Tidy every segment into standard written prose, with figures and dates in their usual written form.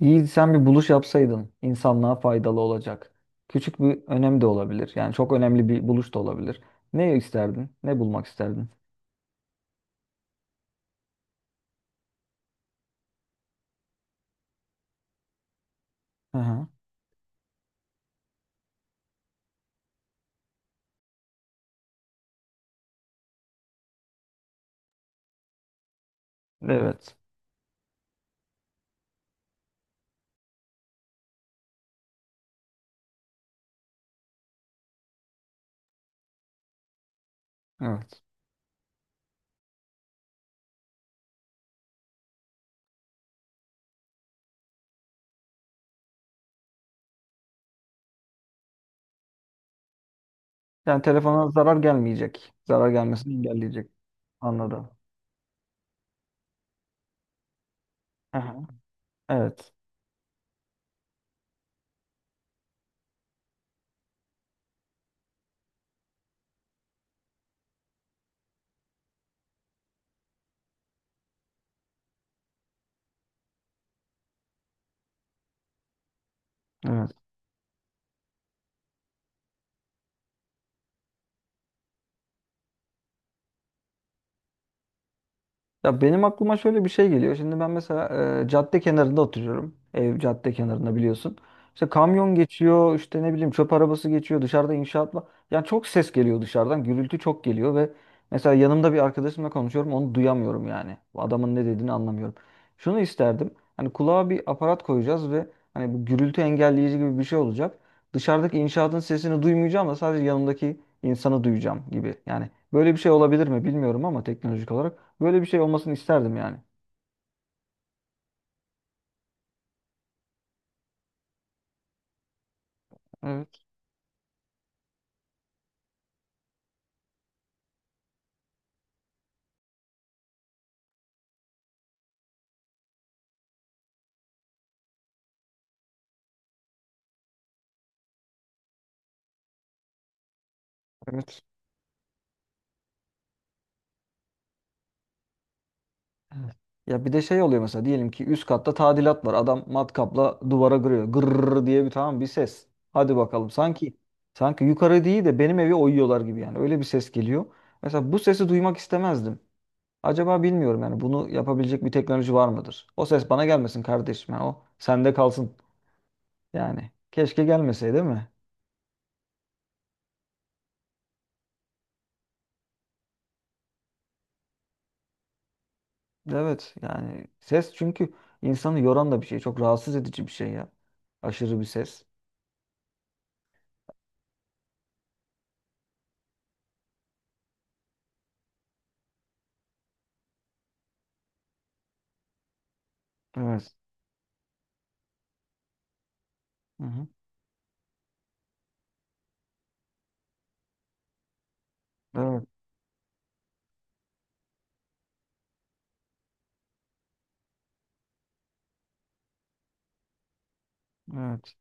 İyi, sen bir buluş yapsaydın insanlığa faydalı olacak. Küçük bir önem de olabilir. Yani çok önemli bir buluş da olabilir. Ne isterdin? Ne bulmak isterdin? Hı hı. Evet. Evet. Yani telefona zarar gelmeyecek. Zarar gelmesini engelleyecek. Anladım. Hı hı. Evet. Evet. Ya benim aklıma şöyle bir şey geliyor. Şimdi ben mesela cadde kenarında oturuyorum. Ev cadde kenarında biliyorsun. İşte kamyon geçiyor, işte ne bileyim çöp arabası geçiyor, dışarıda inşaat var. Yani çok ses geliyor dışarıdan, gürültü çok geliyor ve mesela yanımda bir arkadaşımla konuşuyorum, onu duyamıyorum yani. Bu adamın ne dediğini anlamıyorum. Şunu isterdim, hani kulağa bir aparat koyacağız ve hani bu gürültü engelleyici gibi bir şey olacak. Dışarıdaki inşaatın sesini duymayacağım da sadece yanımdaki insanı duyacağım gibi. Yani böyle bir şey olabilir mi bilmiyorum ama teknolojik olarak. Böyle bir şey olmasını isterdim yani. Evet, evet. Evet. Ya bir de şey oluyor mesela diyelim ki üst katta tadilat var. Adam matkapla duvara kırıyor. Gırrrr diye bir tamam bir ses. Hadi bakalım sanki sanki yukarı değil de benim evi oyuyorlar gibi yani. Öyle bir ses geliyor. Mesela bu sesi duymak istemezdim. Acaba bilmiyorum yani bunu yapabilecek bir teknoloji var mıdır? O ses bana gelmesin kardeşim. Yani o sende kalsın yani. Keşke gelmeseydi değil mi? Evet yani ses çünkü insanı yoran da bir şey. Çok rahatsız edici bir şey ya. Aşırı bir ses. Evet. Hı hı. Evet. Evet.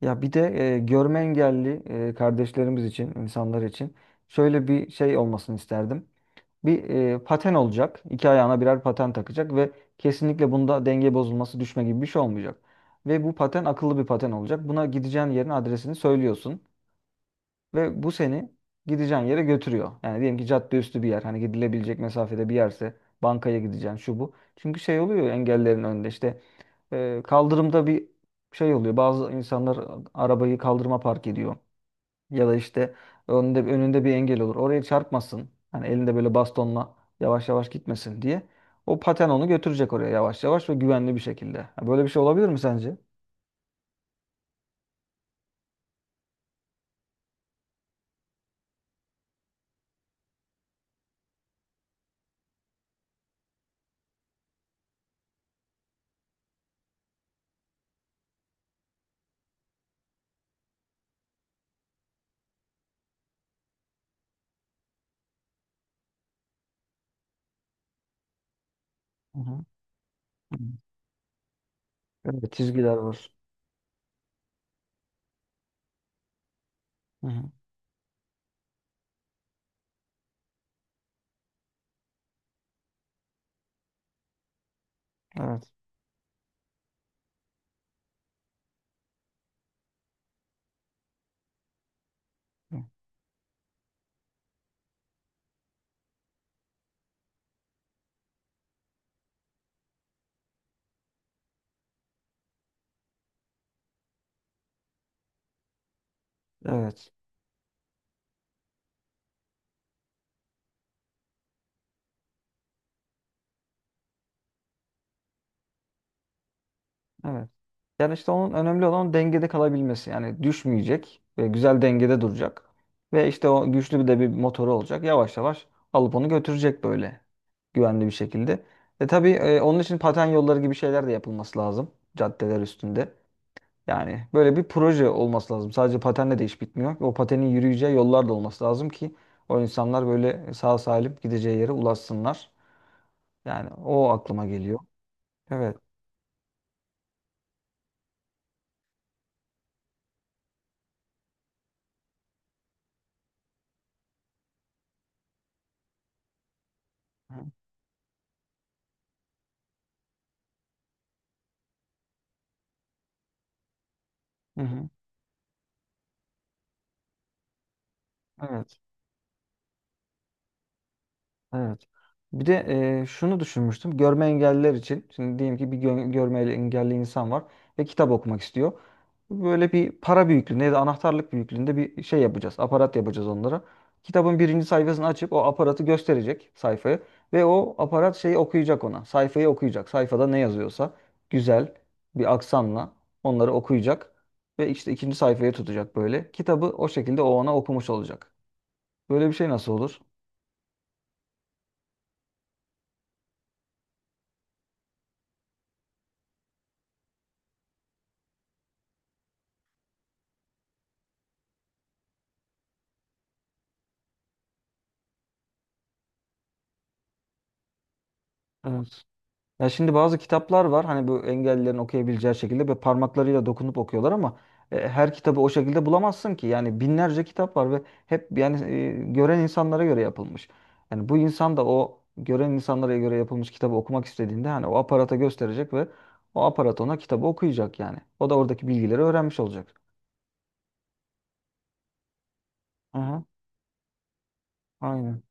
Ya bir de görme engelli kardeşlerimiz için, insanlar için şöyle bir şey olmasını isterdim. Bir paten olacak. İki ayağına birer paten takacak ve kesinlikle bunda denge bozulması, düşme gibi bir şey olmayacak. Ve bu paten akıllı bir paten olacak. Buna gideceğin yerin adresini söylüyorsun ve bu seni gideceğin yere götürüyor. Yani diyelim ki cadde üstü bir yer, hani gidilebilecek mesafede bir yerse bankaya gideceksin şu bu. Çünkü şey oluyor ya, engellerin önünde işte e, kaldırımda bir şey oluyor. Bazı insanlar arabayı kaldırıma park ediyor. Ya da işte önünde, önünde bir engel olur. Oraya çarpmasın. Hani elinde böyle bastonla yavaş yavaş gitmesin diye. O paten onu götürecek oraya yavaş yavaş ve güvenli bir şekilde. Ha, böyle bir şey olabilir mi sence? Hı hı. Hı. Evet, çizgiler var. Hı hı. Evet. Evet. Evet. Yani işte onun önemli olan dengede kalabilmesi. Yani düşmeyecek ve güzel dengede duracak. Ve işte o güçlü bir de bir motoru olacak. Yavaş yavaş alıp onu götürecek böyle güvenli bir şekilde. E tabii onun için paten yolları gibi şeyler de yapılması lazım caddeler üstünde. Yani böyle bir proje olması lazım. Sadece patenle de iş bitmiyor. O patenin yürüyeceği yollar da olması lazım ki o insanlar böyle sağ salim gideceği yere ulaşsınlar. Yani o aklıma geliyor. Evet. Hı hı. Evet. Evet. Bir de şunu düşünmüştüm. Görme engelliler için. Şimdi diyelim ki bir görme engelli insan var ve kitap okumak istiyor. Böyle bir para büyüklüğünde ya da anahtarlık büyüklüğünde bir şey yapacağız. Aparat yapacağız onlara. Kitabın birinci sayfasını açıp o aparatı gösterecek sayfayı ve o aparat şeyi okuyacak ona. Sayfayı okuyacak. Sayfada ne yazıyorsa güzel bir aksanla onları okuyacak ve işte ikinci sayfaya tutacak böyle. Kitabı o şekilde o ona okumuş olacak. Böyle bir şey nasıl olur? Ya şimdi bazı kitaplar var hani bu engellilerin okuyabileceği şekilde ve parmaklarıyla dokunup okuyorlar ama her kitabı o şekilde bulamazsın ki. Yani binlerce kitap var ve hep yani gören insanlara göre yapılmış. Yani bu insan da o gören insanlara göre yapılmış kitabı okumak istediğinde hani o aparata gösterecek ve o aparat ona kitabı okuyacak yani. O da oradaki bilgileri öğrenmiş olacak. Aha, aynen.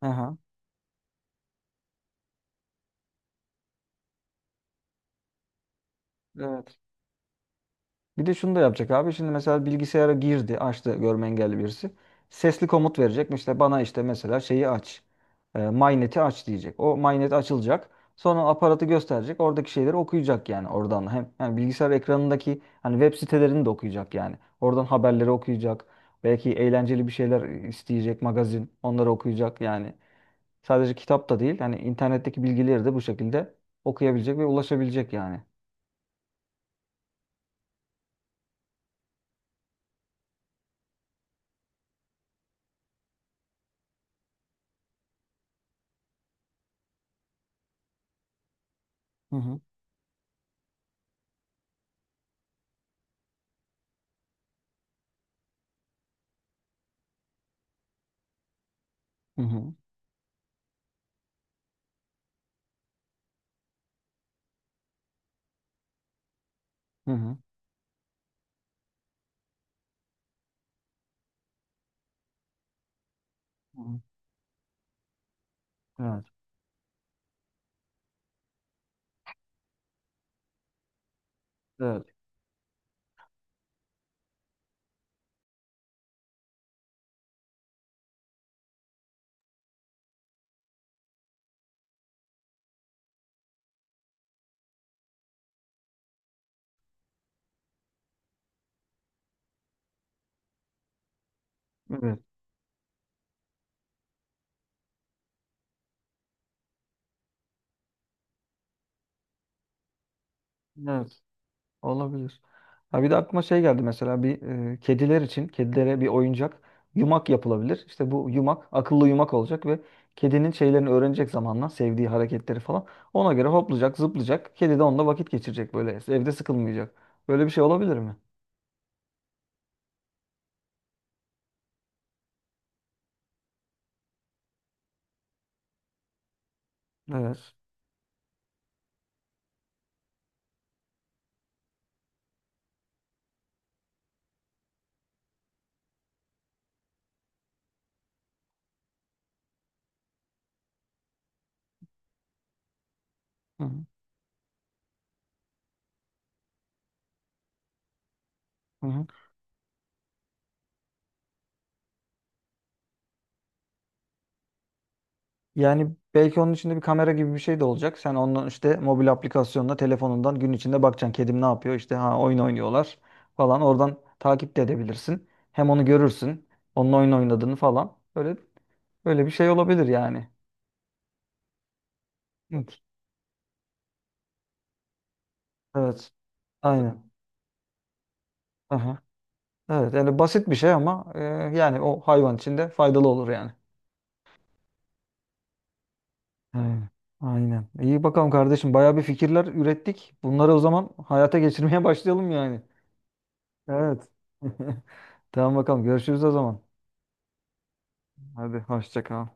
Aha, evet. Bir de şunu da yapacak abi. Şimdi mesela bilgisayara girdi, açtı görme engelli birisi. Sesli komut verecek. İşte bana işte mesela şeyi aç. E, MyNet'i aç diyecek. O MyNet açılacak. Sonra aparatı gösterecek. Oradaki şeyleri okuyacak yani oradan. Hem yani bilgisayar ekranındaki hani web sitelerini de okuyacak yani. Oradan haberleri okuyacak. Belki eğlenceli bir şeyler isteyecek magazin. Onları okuyacak yani. Sadece kitap da değil. Hani internetteki bilgileri de bu şekilde okuyabilecek ve ulaşabilecek yani. Hı hı. Hı hı. Hı hı. Hı hı. Evet. Evet. Evet. Evet. Olabilir. Ha bir de aklıma şey geldi mesela bir kediler için kedilere bir oyuncak yumak yapılabilir. İşte bu yumak akıllı yumak olacak ve kedinin şeylerini öğrenecek zamanla sevdiği hareketleri falan. Ona göre hoplayacak, zıplayacak. Kedi de onunla vakit geçirecek böyle. Evde sıkılmayacak. Böyle bir şey olabilir mi? Evet. Hı hı. Hı hı. Yani belki onun içinde bir kamera gibi bir şey de olacak. Sen ondan işte mobil aplikasyonla telefonundan gün içinde bakacaksın. Kedim ne yapıyor? İşte ha oyun oynuyorlar falan. Oradan takip de edebilirsin. Hem onu görürsün. Onun oyun oynadığını falan. Böyle bir şey olabilir yani. Evet. Evet. Aynen. Aha. Evet. Yani basit bir şey ama yani o hayvan için de faydalı olur yani. Aynen. Aynen. İyi bakalım kardeşim. Bayağı bir fikirler ürettik. Bunları o zaman hayata geçirmeye başlayalım yani. Evet. Tamam bakalım görüşürüz o zaman. Hadi hoşça kal.